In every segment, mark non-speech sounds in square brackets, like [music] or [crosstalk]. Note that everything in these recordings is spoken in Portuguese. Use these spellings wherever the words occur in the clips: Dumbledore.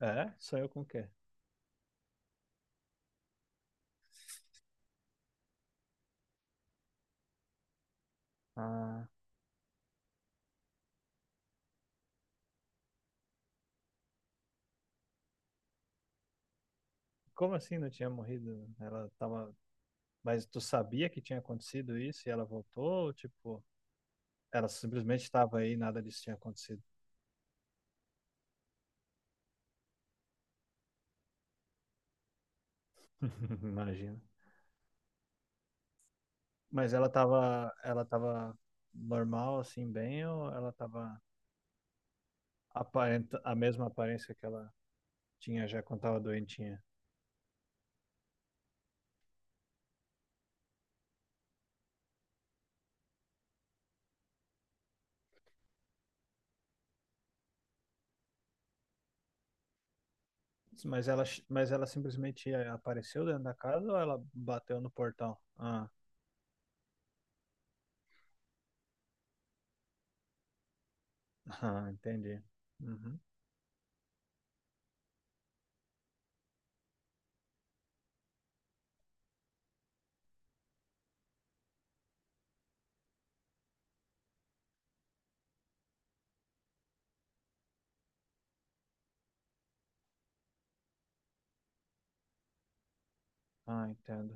É? Sonhou com o quê? Ah. Como assim não tinha morrido? Ela tava. Mas tu sabia que tinha acontecido isso e ela voltou? Ou, tipo, ela simplesmente estava aí e nada disso tinha acontecido. [laughs] Imagina. Mas ela tava. Ela tava normal, assim, bem, ou ela tava aparenta... a mesma aparência que ela tinha já quando tava doentinha? Mas ela simplesmente apareceu dentro da casa ou ela bateu no portão? Ah. [laughs] Ah, entendi. Uhum. Ah, entendo.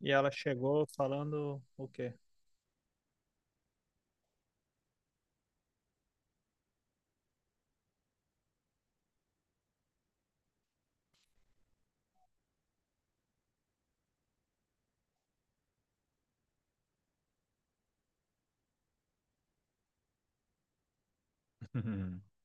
E ela chegou falando o quê? [laughs]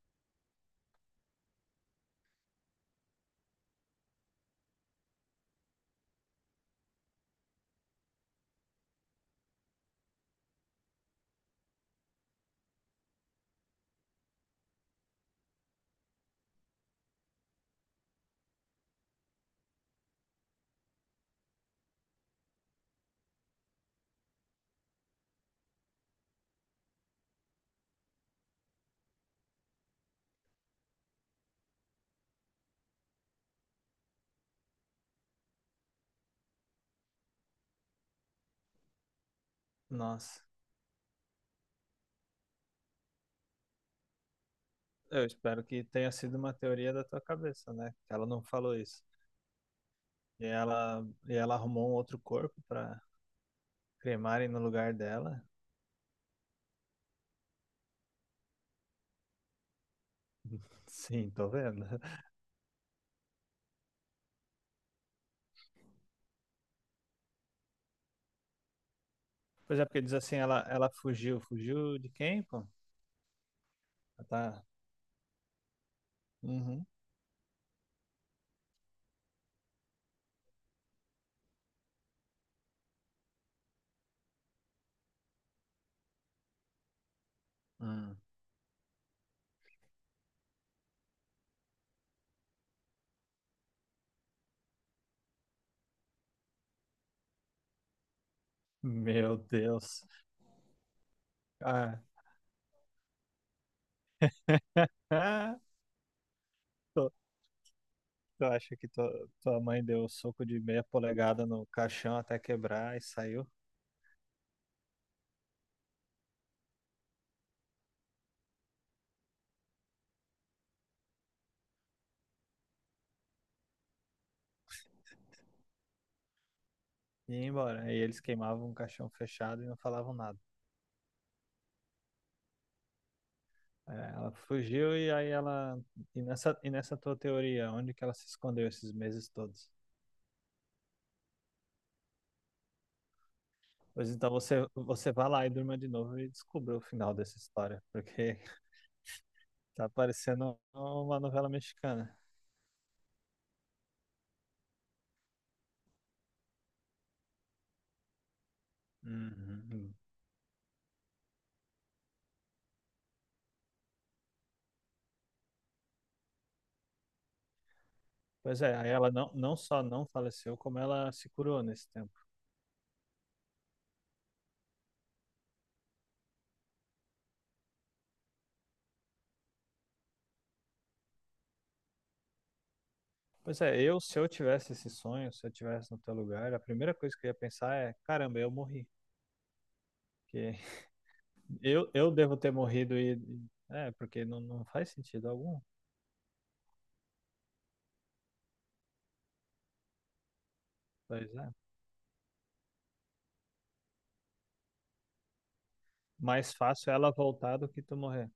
Nossa, eu espero que tenha sido uma teoria da tua cabeça, né? Que ela não falou isso. E ela arrumou um outro corpo pra cremarem no lugar dela. Sim, tô vendo. [laughs] Pois é, porque diz assim, ela fugiu. Fugiu de quem, pô? Ela tá. Uhum. Hum. Meu Deus. Ah. [laughs] Tu, tu acha que tua, tua mãe deu um soco de meia polegada no caixão até quebrar e saiu? E ia embora. Aí eles queimavam um caixão fechado e não falavam nada. É, ela fugiu e aí ela. E nessa tua teoria, onde que ela se escondeu esses meses todos? Pois então você, você vá lá e durma de novo e descubra o final dessa história, porque [laughs] tá parecendo uma novela mexicana. Uhum. Pois é, aí ela não, não só não faleceu, como ela se curou nesse tempo. Pois é, eu, se eu tivesse esse sonho, se eu tivesse no teu lugar, a primeira coisa que eu ia pensar é: caramba, eu morri. Porque eu devo ter morrido e. É, porque não, não faz sentido algum. Pois é. Mais fácil ela voltar do que tu morrer.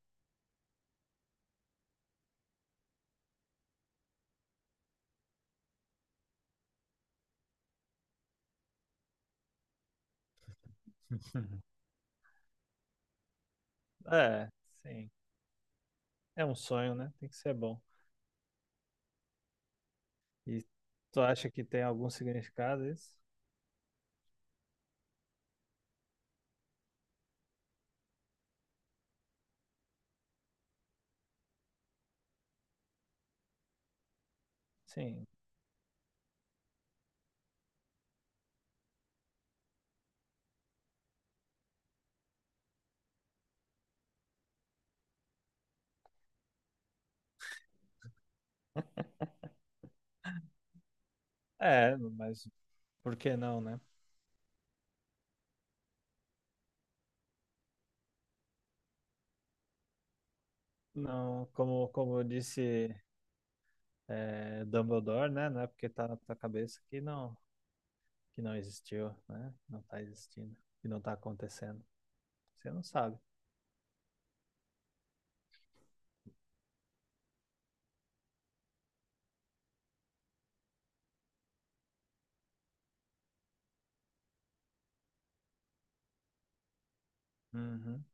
[laughs] É, sim. É um sonho, né? Tem que ser bom. E tu acha que tem algum significado isso? Sim. É, mas por que não, né? Não, como, como eu disse é, Dumbledore, né? Não é porque tá na tua cabeça que não existiu, né? Não tá existindo, que não tá acontecendo. Você não sabe. Uhum.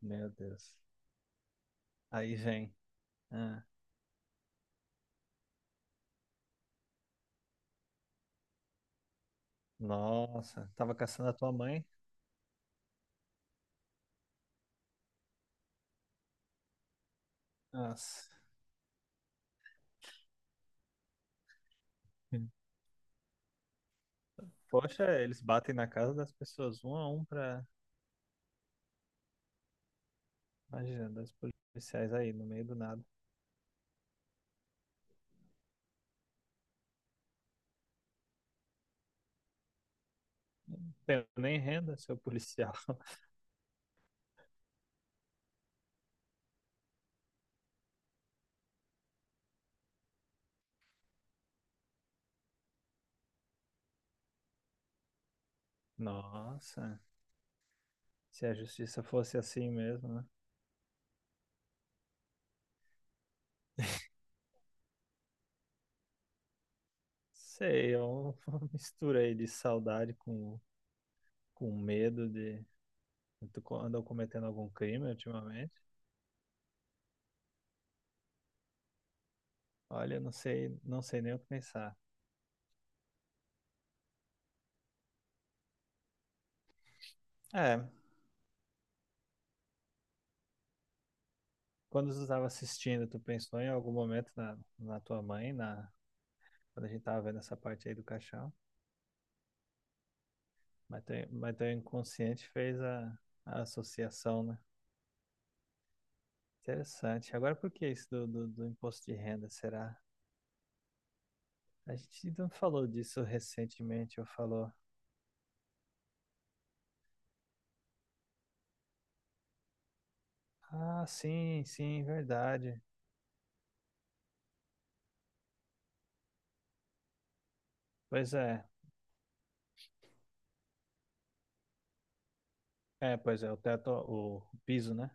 Meu Deus. Aí vem. Ah, nossa, tava caçando a tua mãe? Nossa. Poxa, eles batem na casa das pessoas um a um pra. Imagina, dois policiais aí no meio do nada. Tenho nem renda, seu policial. [laughs] Nossa, se a justiça fosse assim mesmo, né? Sei, é um, uma [laughs] mistura aí de saudade com medo de. Andou cometendo algum crime ultimamente? Olha, eu não sei, não sei nem o que pensar. É, quando tu estava assistindo, tu pensou em algum momento na, na tua mãe, na, quando a gente estava vendo essa parte aí do caixão. Mas teu inconsciente fez a associação, né? Interessante. Agora, por que isso do, do imposto de renda, será? A gente não falou disso recentemente, ou falou? Ah, sim, sim, verdade. Pois é. É, pois é, o teto, o piso, né?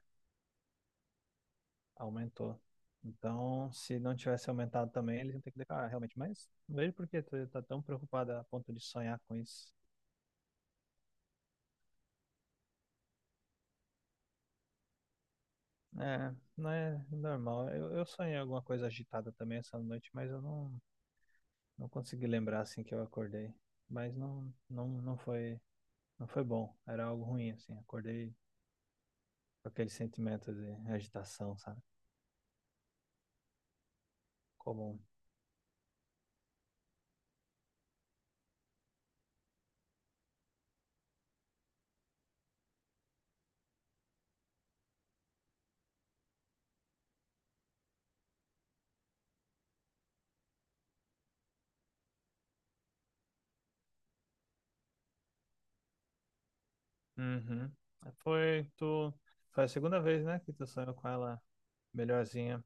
Aumentou. Então, se não tivesse aumentado também, eles iam ter que declarar, realmente. Mas não vejo por que tu tá tão preocupado a ponto de sonhar com isso. É, não é normal. Eu sonhei alguma coisa agitada também essa noite, mas eu não, não consegui lembrar assim que eu acordei. Mas não, não, não foi, não foi bom. Era algo ruim assim. Acordei com aquele sentimento de agitação, sabe? Comum. Uhum. Foi tu, foi a segunda vez, né, que tu sonhou com ela melhorzinha.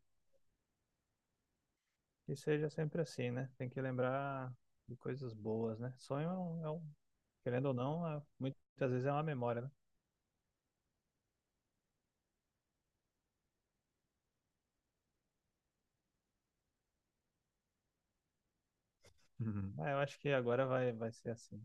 Que seja sempre assim, né? Tem que lembrar de coisas boas, né? Sonho é um- querendo ou não, é- muitas vezes é uma memória, né? Uhum. Ah, eu acho que agora vai, vai ser assim.